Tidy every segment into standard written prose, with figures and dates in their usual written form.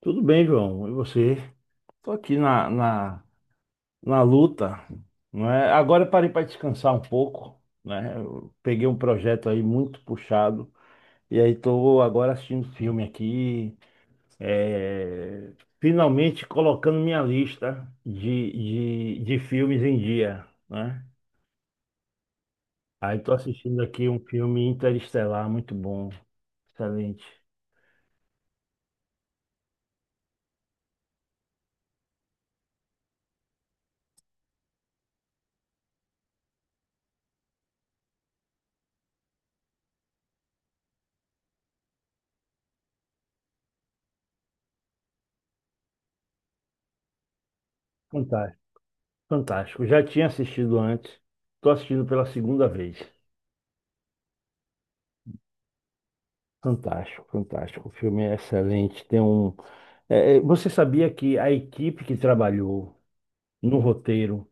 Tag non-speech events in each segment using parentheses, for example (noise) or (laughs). Tudo bem, João. E você? Tô aqui na luta, não é? Agora eu parei para descansar um pouco, né? Eu peguei um projeto aí muito puxado e aí tô agora assistindo filme aqui, é, finalmente colocando minha lista de filmes em dia, né? Aí tô assistindo aqui um filme Interestelar, muito bom, excelente, fantástico, fantástico. Já tinha assistido antes, tô assistindo pela segunda vez. Fantástico, fantástico. O filme é excelente. Tem um. Você sabia que a equipe que trabalhou no roteiro,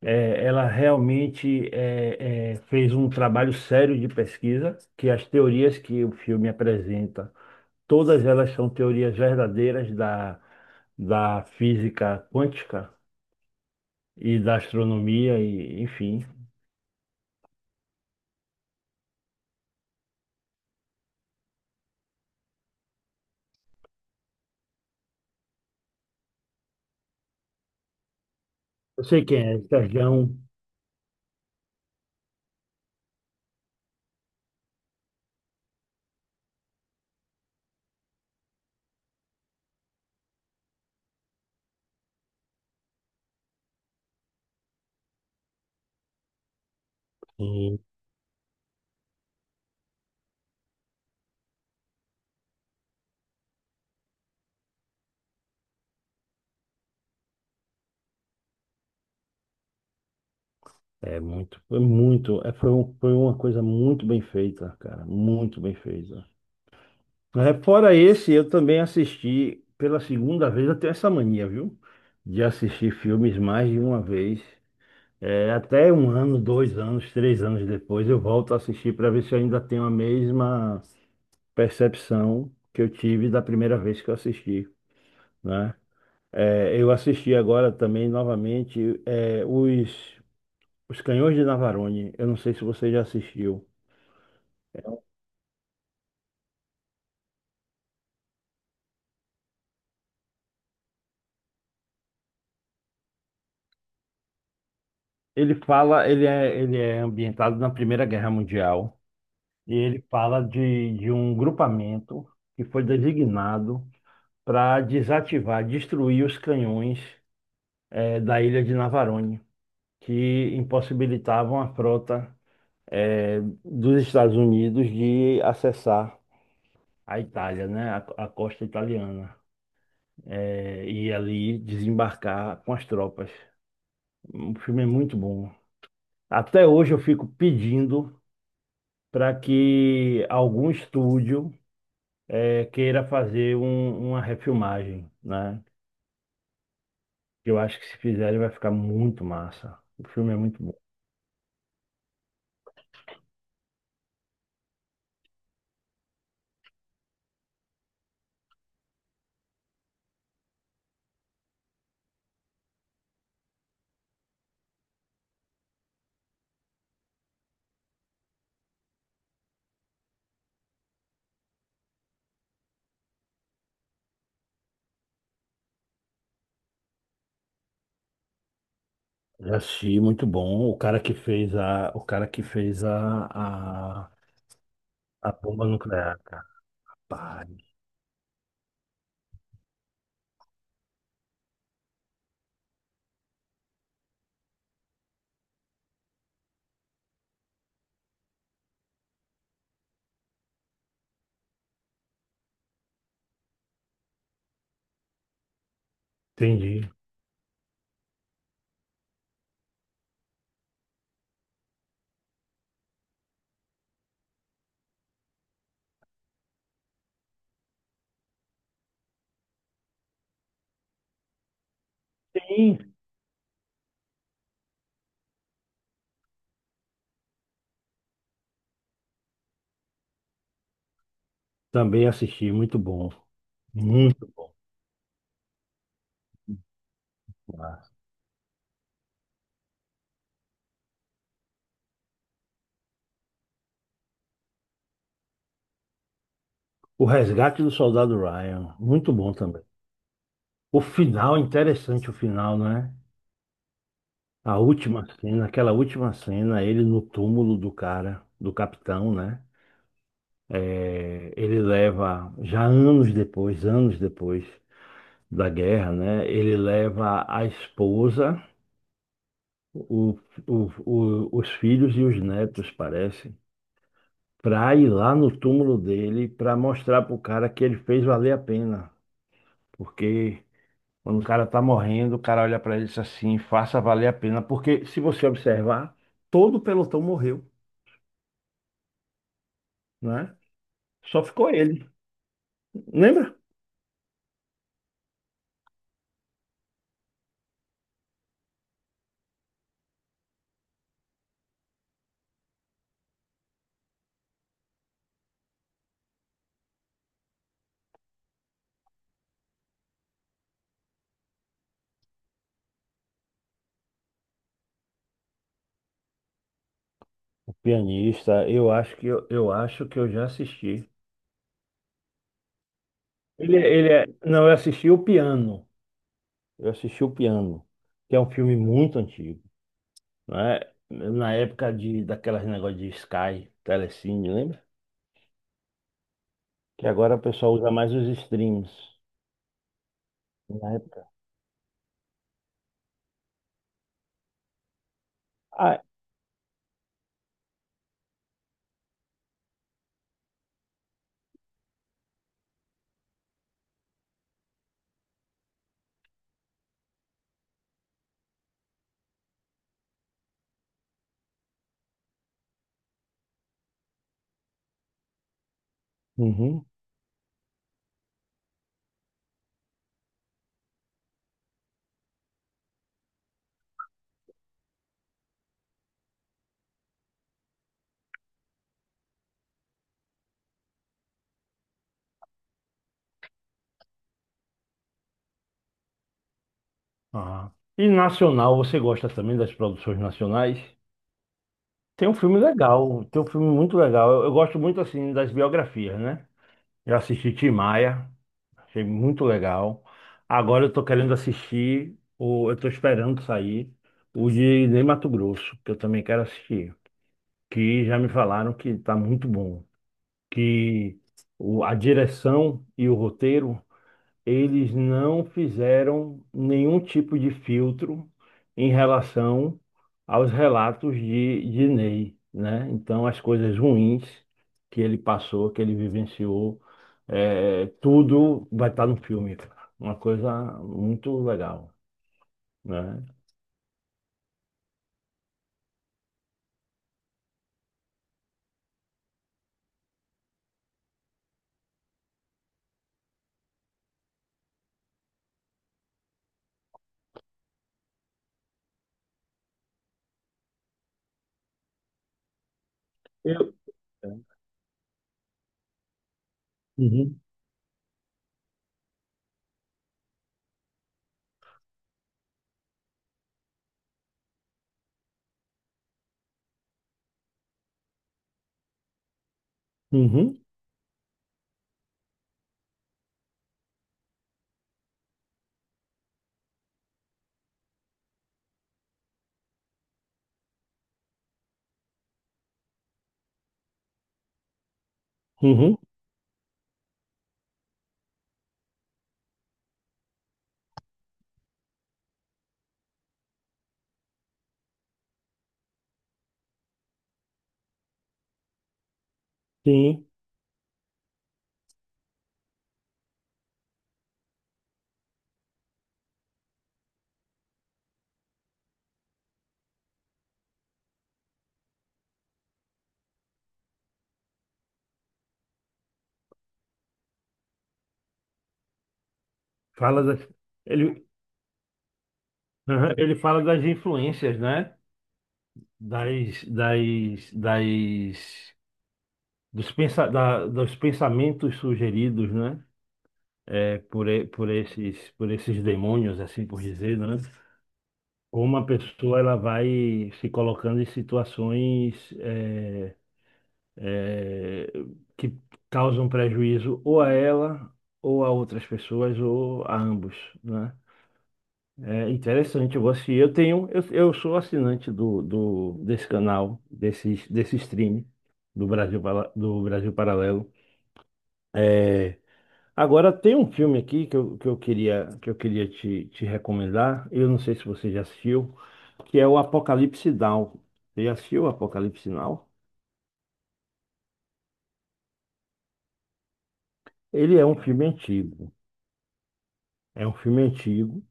ela realmente fez um trabalho sério de pesquisa, que as teorias que o filme apresenta, todas elas são teorias verdadeiras da física quântica e da astronomia, e, enfim. Eu sei quem é, Serjão. É muito, foi muito, é, foi, um- Foi uma coisa muito bem feita, cara, muito bem feita. É, fora esse, eu também assisti pela segunda vez, eu tenho essa mania, viu? De assistir filmes mais de uma vez. É, até um ano, dois anos, três anos depois, eu volto a assistir para ver se eu ainda tenho a mesma percepção que eu tive da primeira vez que eu assisti, né? É, eu assisti agora também novamente os Canhões de Navarone. Eu não sei se você já assistiu. Ele é ambientado na Primeira Guerra Mundial e ele fala de um grupamento que foi designado para desativar, destruir os canhões da ilha de Navarone, que impossibilitavam a frota dos Estados Unidos de acessar a Itália, né, a costa italiana, e ali desembarcar com as tropas. O filme é muito bom. Até hoje eu fico pedindo para que algum estúdio queira fazer uma refilmagem, né? Eu acho que se fizerem vai ficar muito massa. O filme é muito bom. Já assisti, muito bom. O cara que fez a bomba nuclear, cara. Pai, entendi. Sim. Também assisti, muito bom. Muito bom. Massa. O Resgate do Soldado Ryan, muito bom também. O final, interessante o final, né? A última cena, aquela última cena, ele no túmulo do cara, do capitão, né? É, ele leva, já anos depois da guerra, né? Ele leva a esposa, o, os filhos e os netos, parece, para ir lá no túmulo dele para mostrar pro cara que ele fez valer a pena. Porque quando o cara tá morrendo, o cara olha para ele e diz assim, faça valer a pena. Porque se você observar, todo o pelotão morreu né? Só ficou ele. Lembra? O pianista, eu acho que eu acho que eu já assisti. Ele é, não, eu assisti o Piano. Eu assisti o Piano, que é um filme muito antigo, né? Na época de daquelas negócio de Sky, Telecine, lembra? Que agora o pessoal usa mais os streams. Na época. Ah, uhum. Ah. E nacional, você gosta também das produções nacionais? Tem um filme legal, tem um filme muito legal. Eu gosto muito assim das biografias, né? Eu assisti Tim Maia. Achei muito legal. Agora eu tô querendo assistir, o, eu tô esperando sair o de Ney Matogrosso, que eu também quero assistir. Que já me falaram que tá muito bom. Que a direção e o roteiro eles não fizeram nenhum tipo de filtro em relação aos relatos de Ney, né? Então, as coisas ruins que ele passou, que ele vivenciou, é, tudo vai estar no filme, cara. Uma coisa muito legal, né? Eu- Uhum, uhum, uhum, sim. Fala das, ele, Aham, ele fala das influências, né? Das dos pensamentos sugeridos, né? É, por esses demônios, assim por dizer, né? Como a pessoa ela vai se colocando em situações é, que causam prejuízo ou a ela, ou a outras pessoas, ou a ambos, né? É interessante, eu vou assistir. Eu sou assinante desse canal, desse stream do do Brasil Paralelo. É, agora tem um filme aqui que eu queria te recomendar. Eu não sei se você já assistiu, que é o Apocalipse Now. Você já assistiu o Apocalipse Now? Ele é um filme antigo. É um filme antigo.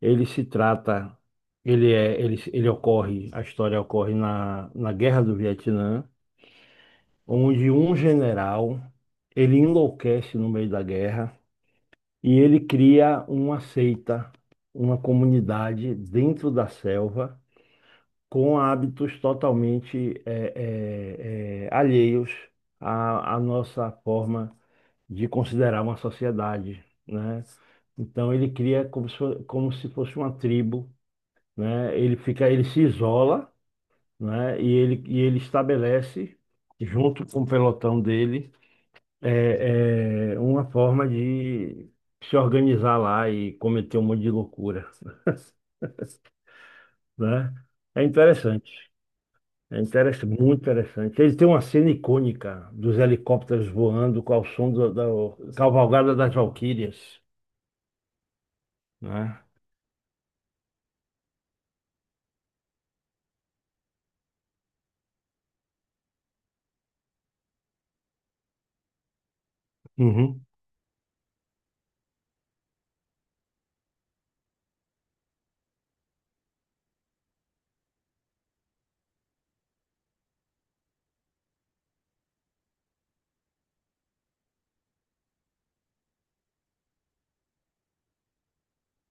Ele se trata, ele é, ele ocorre, a história ocorre na Guerra do Vietnã, onde um general, ele enlouquece no meio da guerra e ele cria uma seita, uma comunidade dentro da selva com hábitos totalmente alheios à nossa forma de considerar uma sociedade, né? Então ele cria como se, como se fosse uma tribo, né? Ele fica, ele se isola, né? E ele estabelece, junto com o pelotão dele, uma forma de se organizar lá e cometer um monte de loucura, (laughs) né? É interessante. É interessante, muito interessante. Ele tem uma cena icônica dos helicópteros voando com o som da Cavalgada das Valquírias, né? Uhum.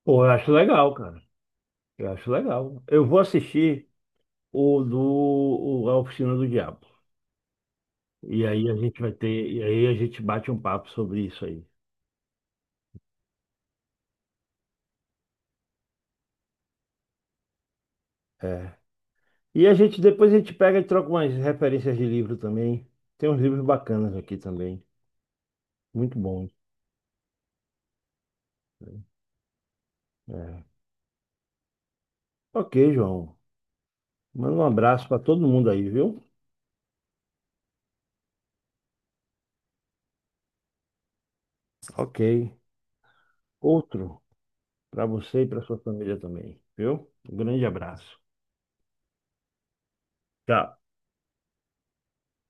Pô, eu acho legal, cara. Eu acho legal. Eu vou assistir o do A Oficina do Diabo. E aí a gente bate um papo sobre isso aí. É. A gente pega e troca umas referências de livro também. Tem uns livros bacanas aqui também. Muito bom. É. Ok, João. Manda um abraço para todo mundo aí, viu? Ok. Outro para você e para sua família também, viu? Um grande abraço. Tchau.